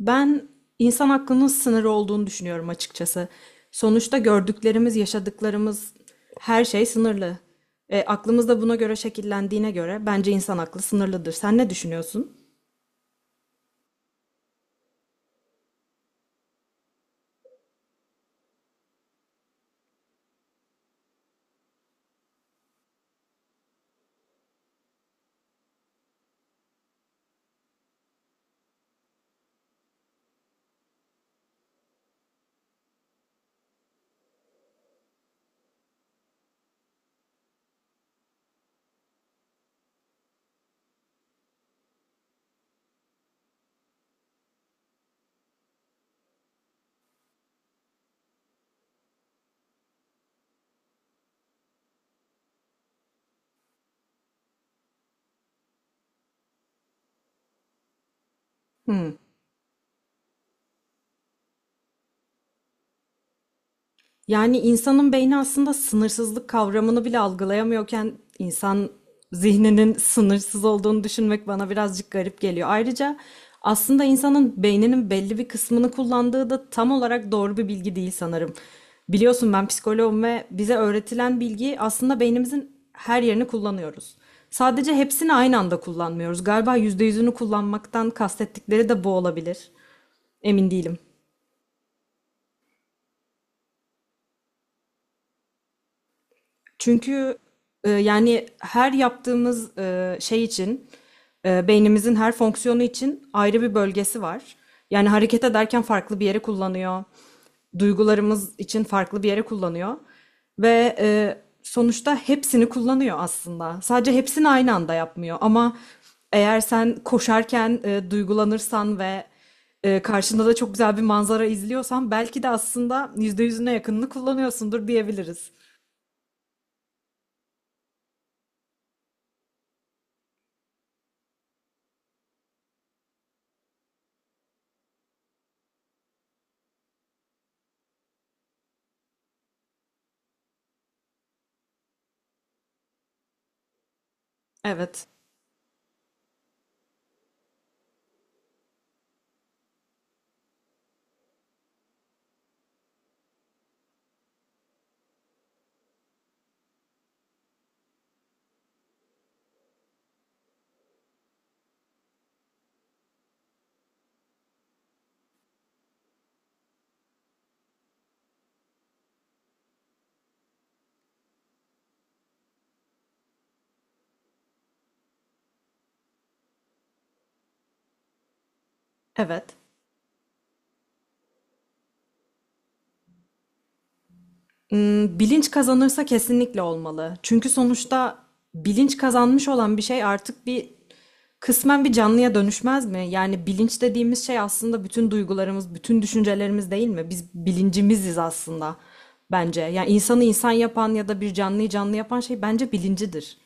Ben insan aklının sınırı olduğunu düşünüyorum açıkçası. Sonuçta gördüklerimiz, yaşadıklarımız her şey sınırlı. Aklımız da buna göre şekillendiğine göre bence insan aklı sınırlıdır. Sen ne düşünüyorsun? Yani insanın beyni aslında sınırsızlık kavramını bile algılayamıyorken insan zihninin sınırsız olduğunu düşünmek bana birazcık garip geliyor. Ayrıca aslında insanın beyninin belli bir kısmını kullandığı da tam olarak doğru bir bilgi değil sanırım. Biliyorsun ben psikoloğum ve bize öğretilen bilgi aslında beynimizin her yerini kullanıyoruz. Sadece hepsini aynı anda kullanmıyoruz. Galiba yüzde yüzünü kullanmaktan kastettikleri de bu olabilir. Emin değilim. Çünkü yani her yaptığımız şey için beynimizin her fonksiyonu için ayrı bir bölgesi var. Yani hareket ederken farklı bir yere kullanıyor. Duygularımız için farklı bir yere kullanıyor. Ve sonuçta hepsini kullanıyor aslında. Sadece hepsini aynı anda yapmıyor. Ama eğer sen koşarken duygulanırsan ve karşında da çok güzel bir manzara izliyorsan belki de aslında %100'üne yakınını kullanıyorsundur diyebiliriz. Evet. Evet. Hmm, bilinç kazanırsa kesinlikle olmalı. Çünkü sonuçta bilinç kazanmış olan bir şey artık kısmen bir canlıya dönüşmez mi? Yani bilinç dediğimiz şey aslında bütün duygularımız, bütün düşüncelerimiz değil mi? Biz bilincimiziz aslında bence. Yani insanı insan yapan ya da bir canlıyı canlı yapan şey bence bilincidir.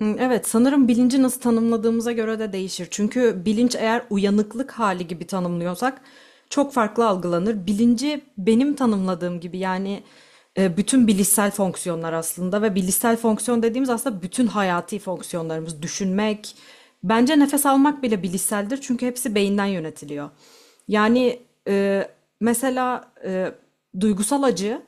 Hmm, evet, sanırım bilinci nasıl tanımladığımıza göre de değişir. Çünkü bilinç eğer uyanıklık hali gibi tanımlıyorsak çok farklı algılanır. Bilinci benim tanımladığım gibi yani bütün bilişsel fonksiyonlar aslında ve bilişsel fonksiyon dediğimiz aslında bütün hayati fonksiyonlarımız, düşünmek, bence nefes almak bile bilişseldir çünkü hepsi beyinden yönetiliyor. Yani e, mesela duygusal acı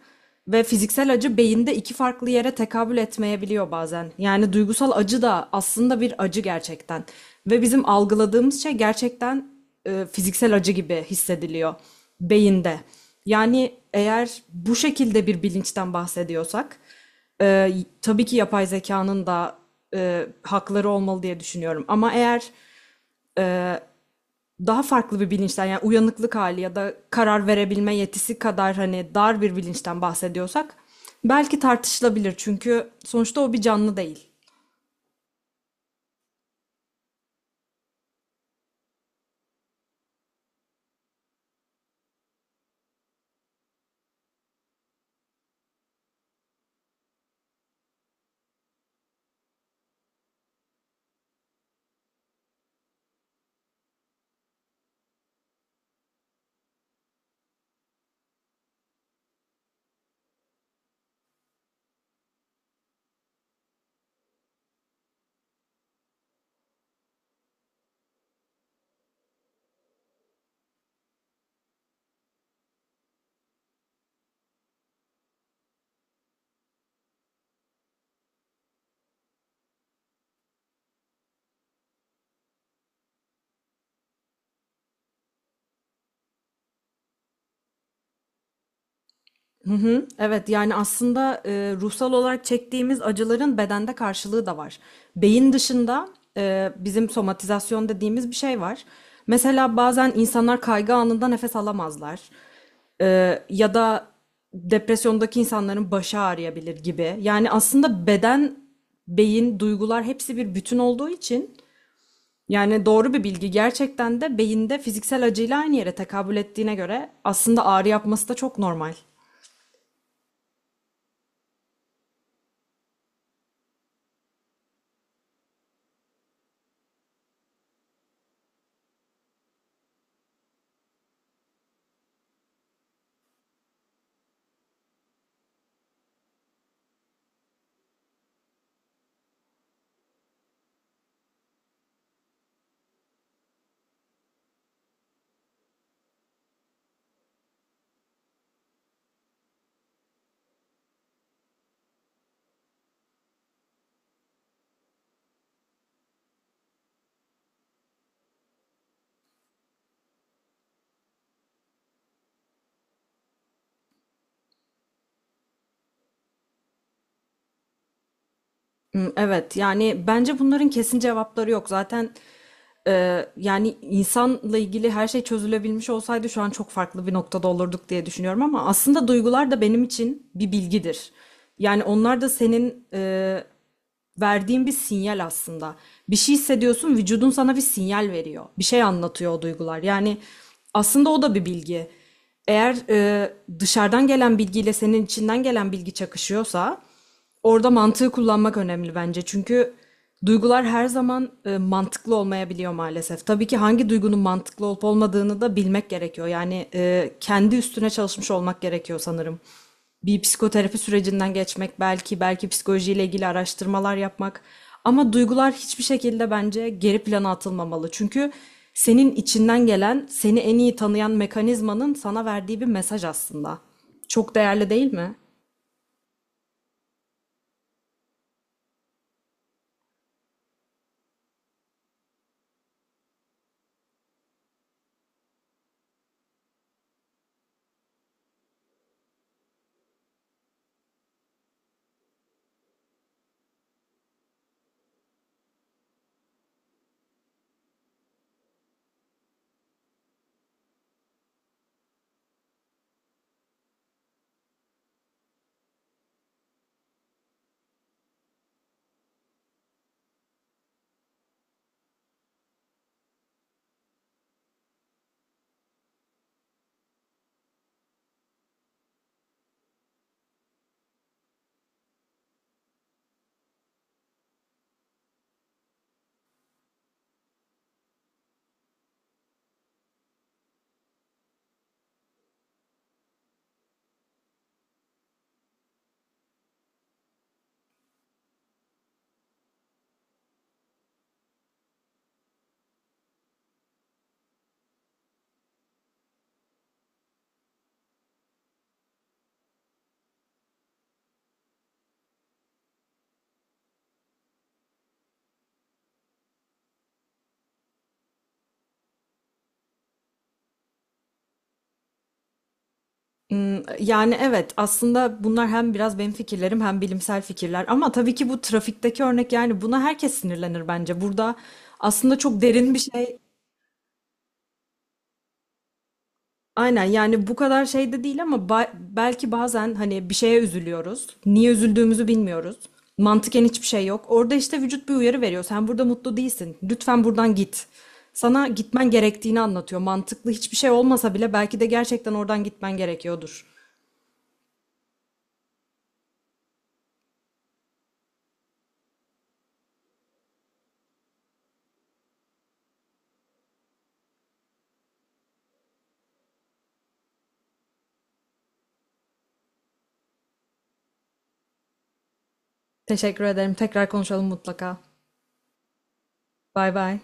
ve fiziksel acı beyinde iki farklı yere tekabül etmeyebiliyor bazen. Yani duygusal acı da aslında bir acı gerçekten. Ve bizim algıladığımız şey gerçekten fiziksel acı gibi hissediliyor beyinde. Yani eğer bu şekilde bir bilinçten bahsediyorsak, e, tabii ki yapay zekanın da hakları olmalı diye düşünüyorum. Ama eğer daha farklı bir bilinçten yani uyanıklık hali ya da karar verebilme yetisi kadar hani dar bir bilinçten bahsediyorsak belki tartışılabilir çünkü sonuçta o bir canlı değil. Evet yani aslında ruhsal olarak çektiğimiz acıların bedende karşılığı da var. Beyin dışında bizim somatizasyon dediğimiz bir şey var. Mesela bazen insanlar kaygı anında nefes alamazlar. Ya da depresyondaki insanların başı ağrıyabilir gibi. Yani aslında beden, beyin, duygular hepsi bir bütün olduğu için yani doğru bir bilgi gerçekten de beyinde fiziksel acıyla aynı yere tekabül ettiğine göre aslında ağrı yapması da çok normal. Hmm, evet yani bence bunların kesin cevapları yok. Zaten Yani insanla ilgili her şey çözülebilmiş olsaydı şu an çok farklı bir noktada olurduk diye düşünüyorum ama aslında duygular da benim için bir bilgidir. Yani onlar da senin verdiğin bir sinyal aslında. Bir şey hissediyorsun, vücudun sana bir sinyal veriyor. Bir şey anlatıyor o duygular. Yani aslında o da bir bilgi. Eğer dışarıdan gelen bilgiyle senin içinden gelen bilgi çakışıyorsa orada mantığı kullanmak önemli bence. Çünkü duygular her zaman mantıklı olmayabiliyor maalesef. Tabii ki hangi duygunun mantıklı olup olmadığını da bilmek gerekiyor. Yani kendi üstüne çalışmış olmak gerekiyor sanırım. Bir psikoterapi sürecinden geçmek belki, belki psikolojiyle ilgili araştırmalar yapmak. Ama duygular hiçbir şekilde bence geri plana atılmamalı. Çünkü senin içinden gelen, seni en iyi tanıyan mekanizmanın sana verdiği bir mesaj aslında. Çok değerli değil mi? Yani evet aslında bunlar hem biraz benim fikirlerim hem bilimsel fikirler ama tabii ki bu trafikteki örnek yani buna herkes sinirlenir bence. Burada aslında çok derin bir şey. Aynen yani bu kadar şey de değil ama belki bazen hani bir şeye üzülüyoruz. Niye üzüldüğümüzü bilmiyoruz. Mantıken hiçbir şey yok. Orada işte vücut bir uyarı veriyor. Sen burada mutlu değilsin. Lütfen buradan git. Sana gitmen gerektiğini anlatıyor. Mantıklı hiçbir şey olmasa bile belki de gerçekten oradan gitmen gerekiyordur. Teşekkür ederim. Tekrar konuşalım mutlaka. Bay bay.